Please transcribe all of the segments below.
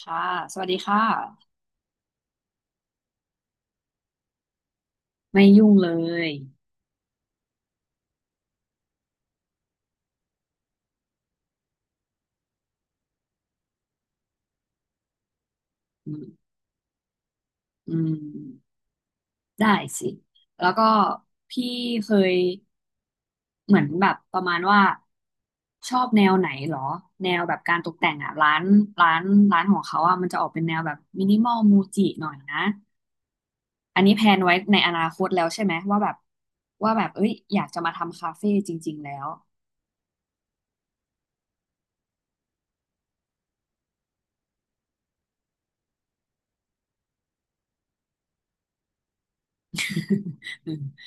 ค่ะสวัสดีค่ะไม่ยุ่งเลยอืมอืมได้สิแล้วก็พี่เคยเหมือนแบบประมาณว่าชอบแนวไหนเหรอแนวแบบการตกแต่งอ่ะร้านร้านของเขาอ่ะมันจะออกเป็นแนวแบบมินิมอลมูจิหน่อยนะอันนี้แพลนไว้ในอนาคตแล้วใช่ไหมว่าแบบเอ้ยอยากจะมาทำคาเฟ่จริงๆแล้ว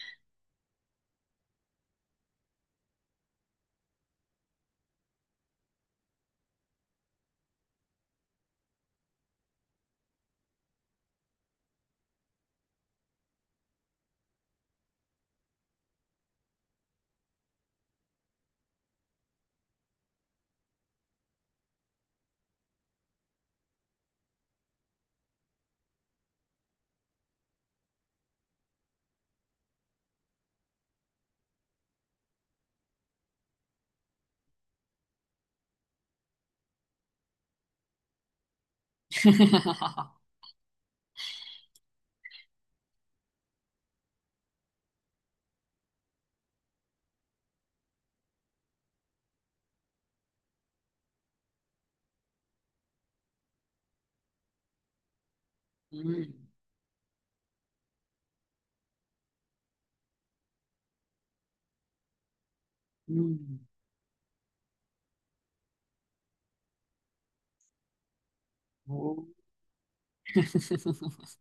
อืมอืมอืมโอ้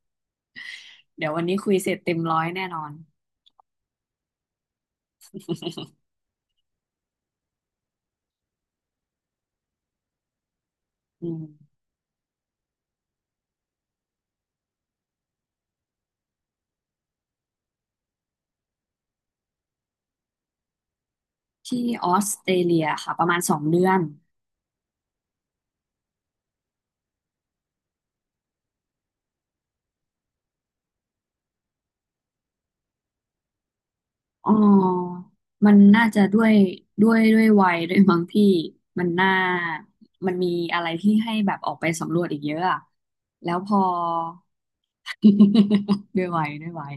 เดี๋ยววันนี้คุยเสร็จเต็มร้อยแน่นอนอืมที่ออสเตรเลียค่ะประมาณ2 เดือนอ๋อมันน่าจะด้วยวัยด้วยมั้งพี่มันน่ามันมีอะไรที่ให้แบบออกไปสำรวจอีกเยอะอะแล้วพอ ด้วยวัยด้วยวัย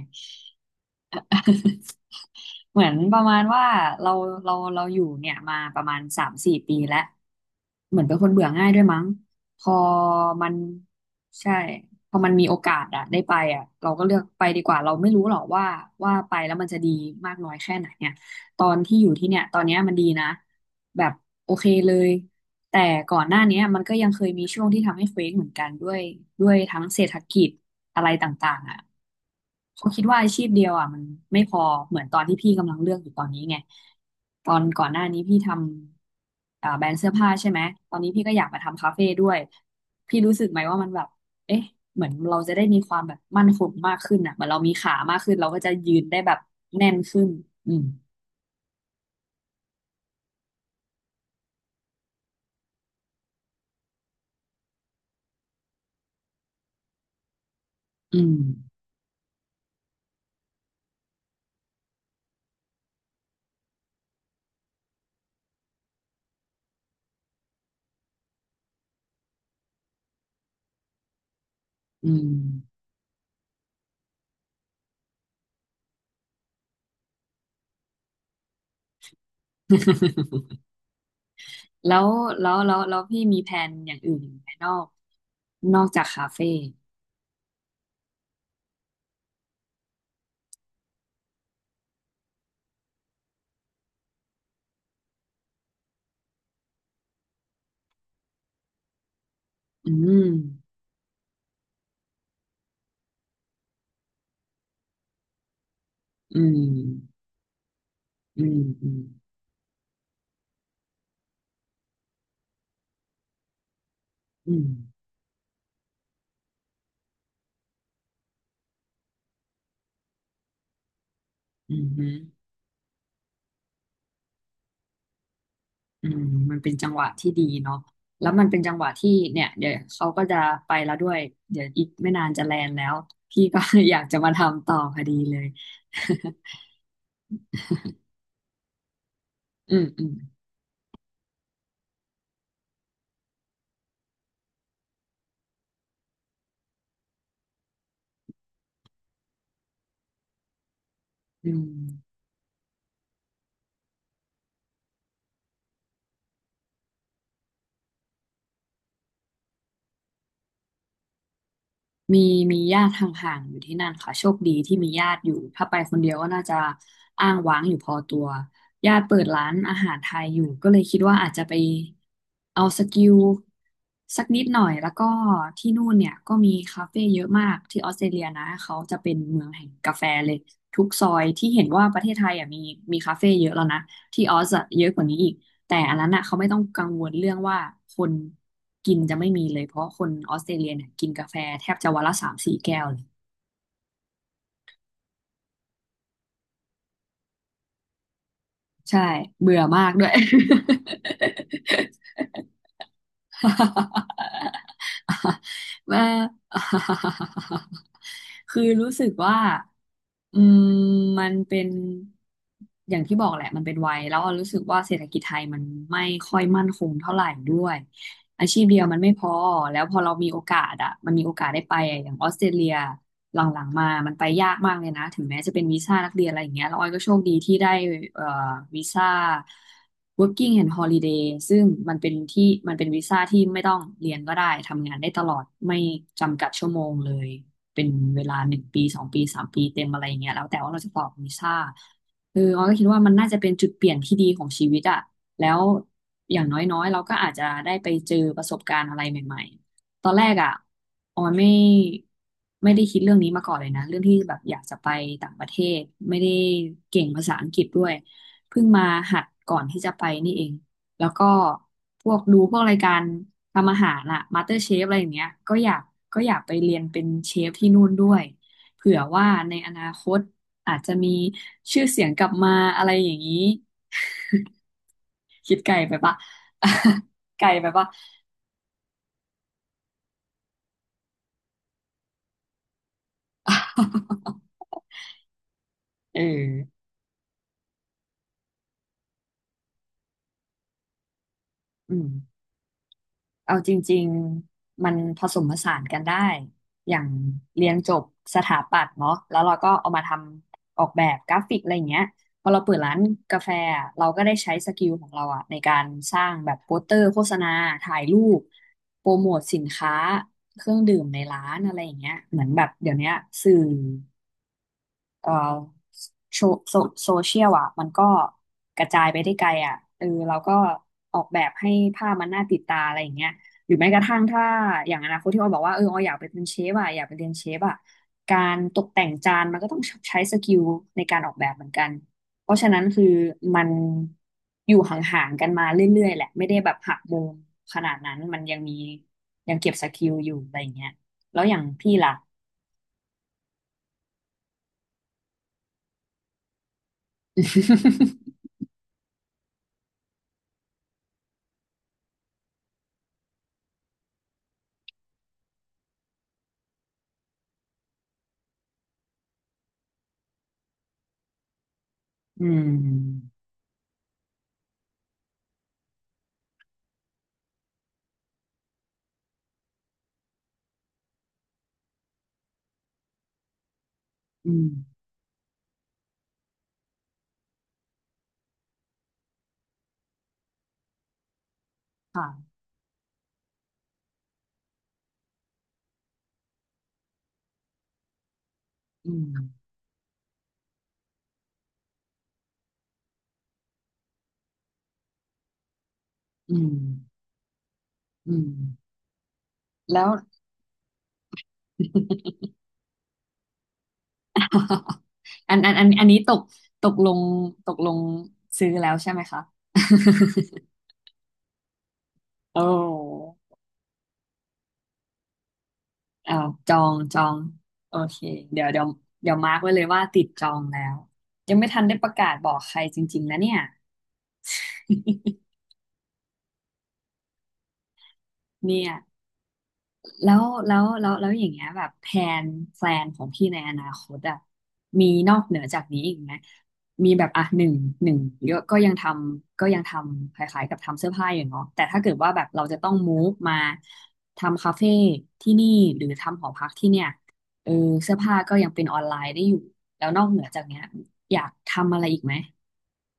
เหมือนประมาณว่าเราเราอยู่เนี่ยมาประมาณ3-4 ปีแล้วเหมือนเป็นคนเบื่อง่ายด้วยมั้งพอมันใช่พอมันมีโอกาสอะได้ไปอะเราก็เลือกไปดีกว่าเราไม่รู้หรอกว่าว่าไปแล้วมันจะดีมากน้อยแค่ไหนเนี่ยตอนที่อยู่ที่เนี่ยตอนเนี้ยมันดีนะแบบโอเคเลย แต่ก่อนหน้าเนี้ยมันก็ยังเคยมีช่วงที่ทำให้เฟ้งเหมือนกันด้วยด้วยทั้งเศรษฐกิจอะไรต่างๆอ่ะเขาคิดว่าอาชีพเดียวอ่ะมันไม่พอเหมือนตอนที่พี่กำลังเลือกอยู่ตอนนี้ไงตอนก่อนหน้านี้พี่ทำอ่าแบรนด์เสื้อผ้าใช่ไหมตอนนี้พี่ก็อยากมาทำคาเฟ่ด้วยพี่รู้สึกไหมว่ามันแบบเอ๊ะเหมือนเราจะได้มีความแบบมั่นคงมากขึ้นอ่ะเหมือนเรามีขามากขึ้นเราก็จะยืนได้แบบแน่นขึ้นอืมอืมอืม แล้วแล้วพี่มีแผนอย่างอื่นอีกไหมนอกจากคาเฟ่อืมอืมอืมอืมอืมอืมฮึอืมมันเป็นจังหวะที่ดีเนาะแล้วมันเป็นจังหวะที่เนี่ยเดี๋ยวเขาก็จะไปแล้วด้วย เดี๋ยวอีกไม่นานจะแลนด์แล้วพี่ก็ อยากจะมาทำต่อพอดีเลย อืมอืมอืม มีมีญาติห่างๆอยู่ที่นั่นค่ะโชคดีที่มีญาติอยู่ถ้าไปคนเดียวก็น่าจะอ้างว้างอยู่พอตัวญาติเปิดร้านอาหารไทยอยู่ก็เลยคิดว่าอาจจะไปเอาสกิลสักนิดหน่อยแล้วก็ที่นู่นเนี่ยก็มีคาเฟ่เยอะมากที่ออสเตรเลียนะเขาจะเป็นเมืองแห่งกาแฟเลยทุกซอยที่เห็นว่าประเทศไทยอ่ะมีคาเฟ่เยอะแล้วนะ ที่ออสอะเยอะกว่านี้อีก แต่อันนั้นอะเขาไม่ต้องกังวลเรื่องว่าคนกินจะไม่มีเลยเพราะคนออสเตรเลียเนี่ยกินกาแฟแทบจะวันละ3-4 แก้วเลย ใช่เบื่อมากด้วย ว่า คือรู้สึกว่าอืมมันเป็นอย่างที่บอกแหละมันเป็นวัยแล้วรู้สึกว่าเศรษฐกิจไทยมันไม่ค่อยมั่นคงเท่าไหร่ด้วยอาชีพเดียวมันไม่พอแล้วพอเรามีโอกาสอะมันมีโอกาสได้ไปอะอย่างออสเตรเลีย หลังๆมา มันไปยากมากเลยนะ ถึงแม้จะเป็นวีซ่านักเรียนอะไรอย่างเงี้ยแล้วออยก็โชคดีที่ได้เอ่อวีซ่า working and holiday ซึ่งมันเป็นวีซ่าที่ไม่ต้องเรียนก็ได้ ทำงานได้ตลอด ไม่จำกัดชั่วโมงเลย เป็นเวลา1 ปี2 ปี3 ปีเต็มอะไรอย่างเงี้ยแล้ว แต่ว่าเราจะต่อวีซ่าเออออยก็คิดว่ามันน่าจะเป็นจุดเปลี่ยนที่ดีของชีวิตอะแล้วอย่างน้อยๆเราก็อาจจะได้ไปเจอประสบการณ์อะไรใหม่ๆ ตอนแรกอ่ะออยไม่ได้คิดเรื่องนี้มาก่อนเลยนะเรื่องที่แบบอยากจะไปต่างประเทศไม่ได้เก่งภาษาอังกฤษด้วยเพิ่งมาหัดก่อนที่จะไปนี่เองแล้วก็พวกดูพวกรายการทำอาหารอะมาสเตอร์เชฟอะไรอย่างเงี้ยก็อยากไปเรียนเป็นเชฟที่นู่นด้วยเผื่อว่าในอนาคตอาจจะมีชื่อเสียงกลับมาอะไรอย่างนี้ คิดไกลไปปะ ไกลไปปะ เอออืม เอาจริงๆมันผสมผสานกันได้อย่างเรียนจบสถาปัตย์เนาะแล้วเราก็เอามาทำออกแบบกราฟิกอะไรอย่างเงี้ยพอเราเปิดร้านกาแฟอะเราก็ได้ใช้สกิลของเราอะในการสร้างแบบโปสเตอร์โฆษณาถ่ายรูปโปรโมทสินค้าเครื่องดื่มในร้านอะไรอย่างเงี้ยเหมือนแบบเดี๋ยวเนี้ยสื่อ เอ่อโซโซโซเชียลอ่ะมันก็กระจายไปได้ไกลอ่ะเออเราก็ออกแบบให้ภาพมันน่าติดตาอะไรอย่างเงี้ยหรือแม้กระทั่งถ้าอย่างอนาคตที่อ้อยบอกว่าเอออ้อยอยากไปเป็นเชฟอ่ะอยากไปเรียนเชฟอ่ะการตกแต่งจานมันก็ต้องใช้สกิลในการออกแบบเหมือนกันเพราะฉะนั้นคือมันอยู่ห่างๆกันมาเรื่อยๆแหละไม่ได้แบบหักมุมขนาดนั้นมันยังมียังเก็บสกิลอยู่อะไรอย่างเงี้ยแล้วอย่างพี่ล่ะ อืมอืม ค่ะอืม อืม อืม แล้ว อันนี้ตกลง ตกลงซื้อแล้วใช่ไหมคะ โอ้เอาจอง จอง โอเค เดี๋ยวเดี๋ยวมาร์กไว้เลยว่าติดจองแล้ว ยังไม่ทันได้ประกาศบอกใครจริงๆนะเนี่ย เนี่ย แล้วอย่างเงี้ยแบบนแพลนของพี่ในอนาคตอะมีนอกเหนือจากนี้อีกไหมมีแบบอ่ะหนึ่งเยอะก็ยังทำคล้ายๆกับทำเสื้อผ้าอยู่เนาะแต่ถ้าเกิดว่าแบบเราจะต้องมูฟมาทำคาเฟ่ที่นี่หรือทำหอพักที่เนี่ยเออเสื้อผ้าก็ยังเป็นออนไลน์ได้อยู่แล้วนอกเหนือจากเนี้ยอยากทำอะไรอีกไหม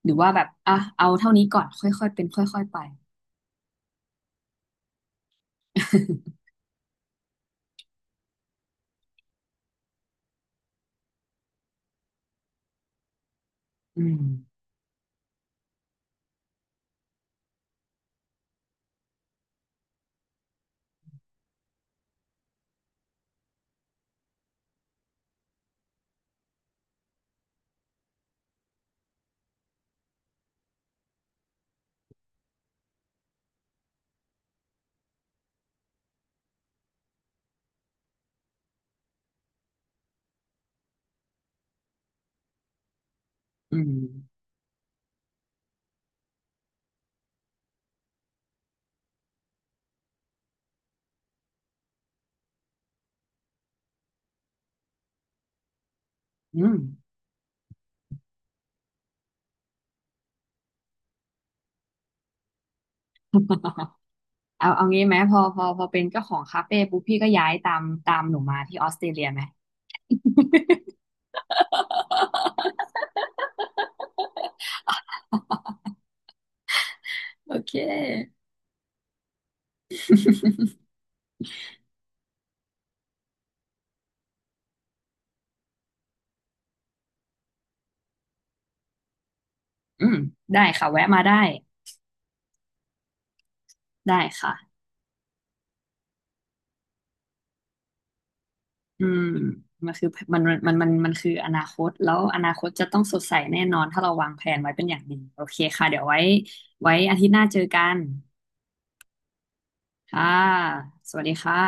หรือว่าแบบอ่ะเอาเท่านี้ก่อนค่อยๆเป็นค่อยๆไป อืมอืมอืม เอาเอางี้ไหมพอเป็นเจ้าของคาเฟ่ปุ๊บพี่ก็ย้ายตามหนูมาที่ออสเตรเลียไหมโอเคอืมได้ค่ะแวะมาได้ได้ค่ะอืมมันคือมันมันคืออนาคตแล้วอนาคตจะต้องสดใสแน่นอนถ้าเราวางแผนไว้เป็นอย่างดีโอเคค่ะเดี๋ยวไว้อาทิตย์หน้าเจอกันค่ะสวัสดีค่ะ